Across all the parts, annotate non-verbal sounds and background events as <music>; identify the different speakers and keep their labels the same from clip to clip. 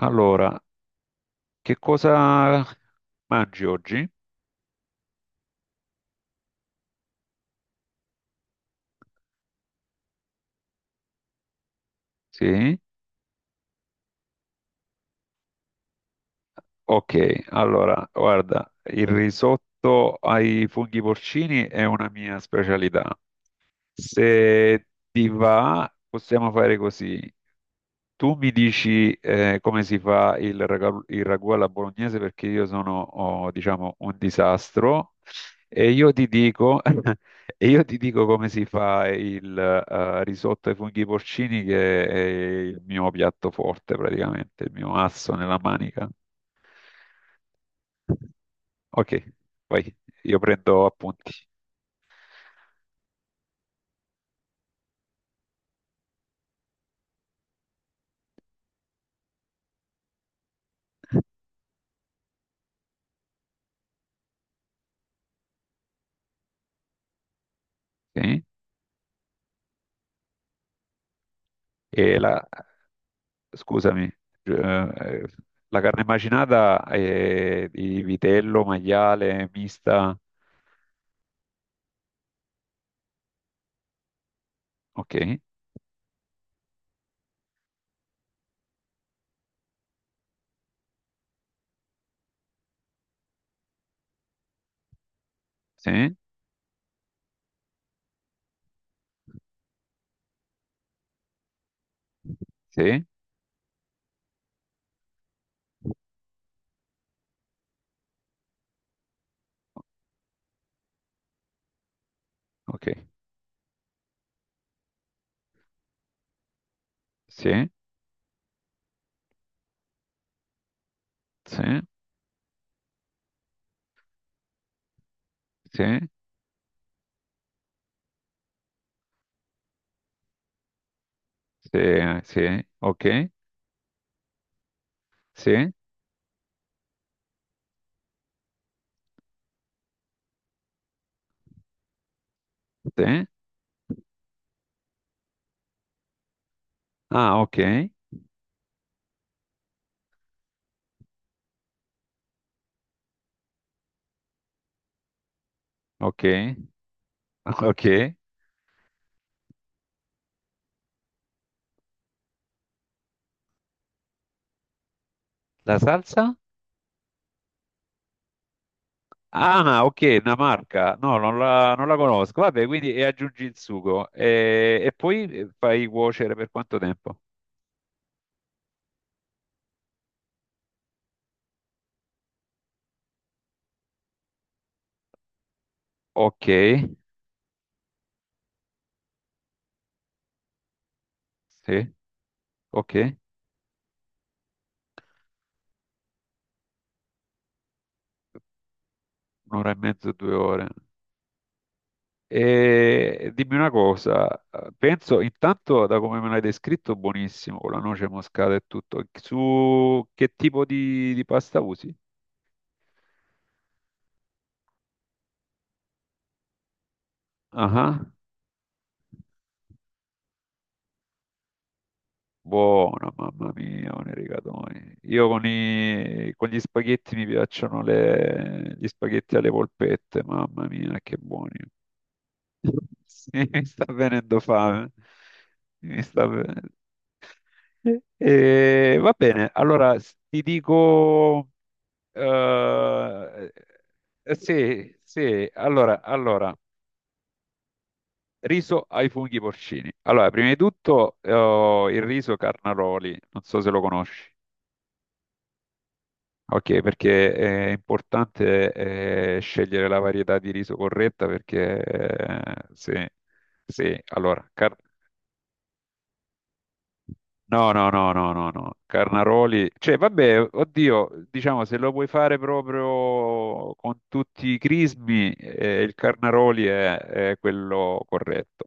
Speaker 1: Allora, che cosa mangi oggi? Sì. Ok, allora, guarda, il risotto ai funghi porcini è una mia specialità. Se ti va, possiamo fare così. Tu mi dici come si fa il il ragù alla bolognese perché io sono, oh, diciamo, un disastro e io ti dico, <laughs> e io ti dico come si fa il risotto ai funghi porcini che è il mio piatto forte praticamente, il mio asso nella manica. Ok, vai, io prendo appunti. Sì. E la, scusami, eh, la carne macinata è di vitello, maiale, mista. Ok, sì, sì, ok, sì, sì, sì, sì, sì, ok, sì, sì. Ah, ok, ok, <laughs> ok. La salsa? Ah, ok, una marca. No, non la conosco. Vabbè, quindi e aggiungi il sugo e poi fai cuocere per quanto tempo? Ok, sì, ok, un'ora e mezzo, 2 ore. E dimmi una cosa, penso intanto da come me l'hai descritto, buonissimo, con la noce moscata e tutto. Su che tipo di pasta usi? Ah. Buona, mamma mia, con i rigatoni. Io con gli spaghetti mi piacciono gli spaghetti alle polpette, mamma mia, che buoni. <laughs> Sì, mi sta venendo fame. Mi sta venendo. Va bene, allora ti dico. eh, sì, sì, allora, riso ai funghi porcini. Allora, prima di tutto il riso Carnaroli, non so se lo conosci. Ok, perché è importante scegliere la varietà di riso corretta perché se- allora, car- No, no, no, no, no, no. Carnaroli, cioè, vabbè, oddio, diciamo, se lo vuoi fare proprio con tutti i crismi, il Carnaroli è quello corretto.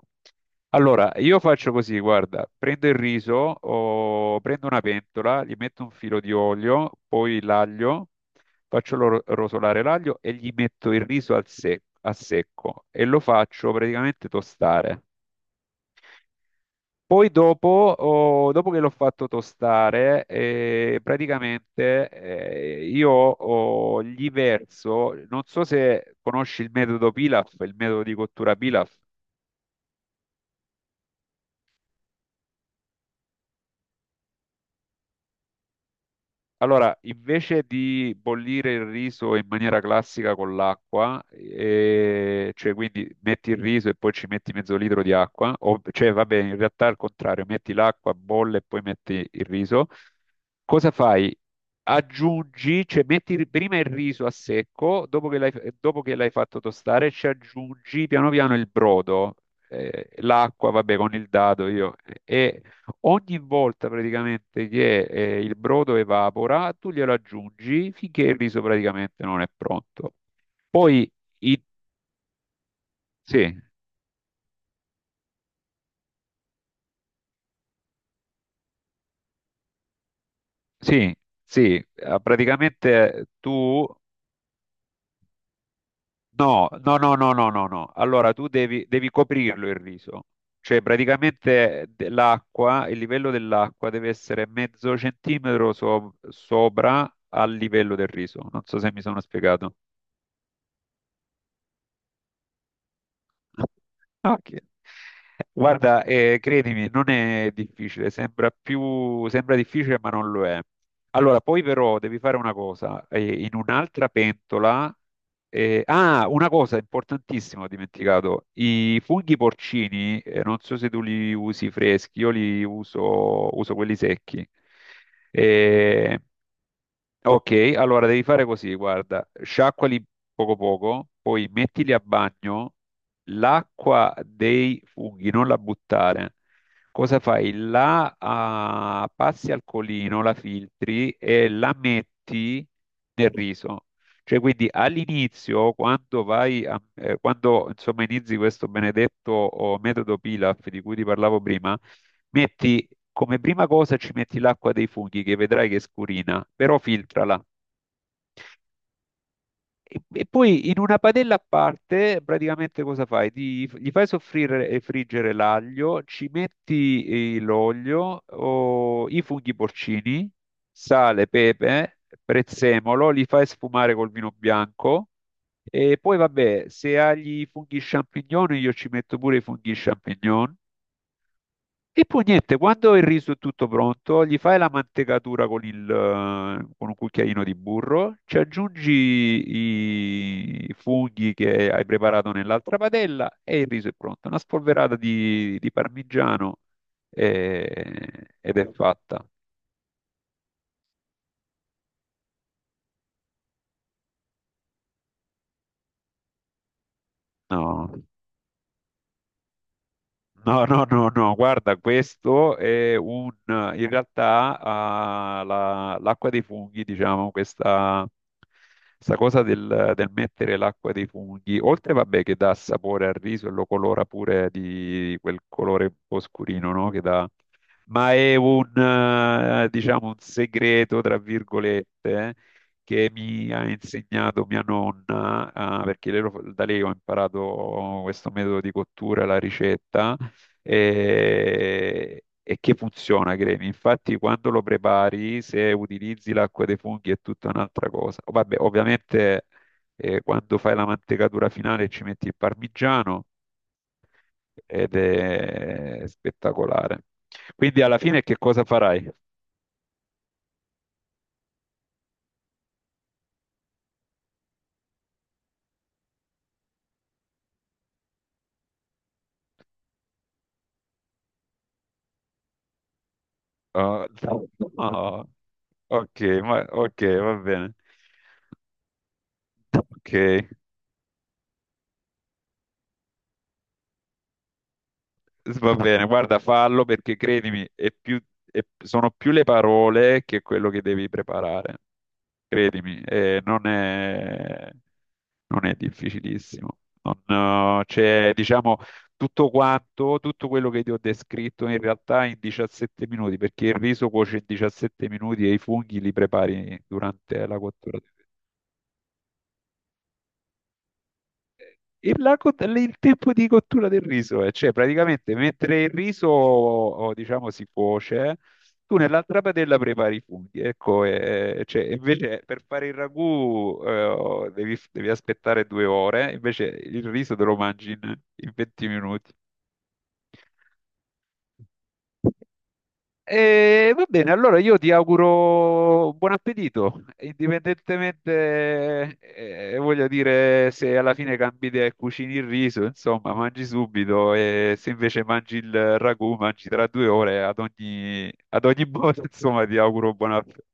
Speaker 1: Allora, io faccio così, guarda, prendo il riso, o prendo una pentola, gli metto un filo di olio, poi l'aglio, faccio rosolare l'aglio e gli metto il riso a secco e lo faccio praticamente tostare. Poi dopo, dopo che l'ho fatto tostare, praticamente io gli verso, non so se conosci il metodo Pilaf, il metodo di cottura Pilaf. Allora, invece di bollire il riso in maniera classica con l'acqua, cioè quindi metti il riso e poi ci metti mezzo litro di acqua, o, cioè vabbè, in realtà è al contrario, metti l'acqua, bolle e poi metti il riso, cosa fai? Aggiungi, cioè metti prima il riso a secco, dopo che l'hai fatto tostare, ci aggiungi piano piano il brodo, l'acqua, vabbè, con il dado io, e ogni volta praticamente che il brodo evapora, tu glielo aggiungi finché il riso praticamente non è pronto. Poi, i- sì, sì, sì, praticamente tu. No, no, no, no, no, no, no. Allora tu devi coprirlo il riso. Cioè praticamente l'acqua, il livello dell'acqua deve essere mezzo centimetro sopra al livello del riso. Non so se mi sono spiegato. Ok. Guarda, credimi, non è difficile, sembra difficile, ma non lo è. Allora, poi però devi fare una cosa, in un'altra pentola, ah, una cosa importantissima, ho dimenticato, i funghi porcini, non so se tu li usi freschi, io uso quelli secchi. Eh, Ok, allora devi fare così, guarda, sciacquali poco poco, poi mettili a bagno, l'acqua dei funghi non la buttare. Cosa fai? La ah, passi al colino, la filtri e la metti nel riso. Cioè, quindi all'inizio, quando insomma inizi questo benedetto oh, metodo Pilaf di cui ti parlavo prima, metti come prima cosa ci metti l'acqua dei funghi che vedrai che scurina, però filtrala. E poi in una padella a parte, praticamente cosa fai? Gli fai soffrire e friggere l'aglio, ci metti l'olio, o i funghi porcini, sale, pepe, prezzemolo, li fai sfumare col vino bianco. E poi vabbè, se hai i funghi champignon, io ci metto pure i funghi champignon. E poi niente, quando il riso è tutto pronto, gli fai la mantecatura con un cucchiaino di burro, ci aggiungi i funghi che hai preparato nell'altra padella e il riso è pronto. Una spolverata di parmigiano ed è fatta. No. No, no, no, no, guarda, questo è un, in realtà, ah, l'acqua dei funghi, diciamo, questa cosa del mettere l'acqua dei funghi, oltre, vabbè, che dà sapore al riso e lo colora pure di quel colore un po' scurino, no? Che dà, ma è un, diciamo, un segreto, tra virgolette, che mi ha insegnato mia nonna, ah, perché lei da lei ho imparato questo metodo di cottura, la ricetta e che funziona, cremi. Infatti, quando lo prepari, se utilizzi l'acqua dei funghi è tutta un'altra cosa. Oh, vabbè, ovviamente, quando fai la mantecatura finale ci metti il parmigiano ed è spettacolare. Quindi, alla fine, che cosa farai? Oh, no. Oh, ok, ok, va bene. Ok, va bene, guarda, fallo perché credimi, sono più le parole che quello che devi preparare. Credimi, non è difficilissimo. Non, c'è, diciamo, tutto quello che ti ho descritto in realtà in 17 minuti, perché il riso cuoce in 17 minuti e i funghi li prepari durante la cottura. Il tempo di cottura del riso, cioè praticamente mentre il riso, o, diciamo, si cuoce, tu nell'altra padella prepari i funghi. Ecco, cioè, invece per fare il ragù devi aspettare 2 ore, invece il riso te lo mangi in 20 minuti. E va bene, allora io ti auguro buon appetito, indipendentemente, voglio dire, se alla fine cambi idea e cucini il riso, insomma, mangi subito e se invece mangi il ragù, mangi tra 2 ore, ad ogni modo, <laughs> insomma, ti auguro buon appetito.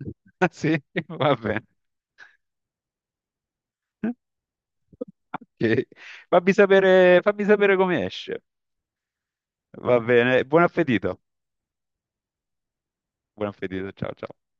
Speaker 1: <laughs> Sì, va bene. Ok. Fammi sapere come esce. Va bene, buon appetito. Buon appetito, ciao ciao.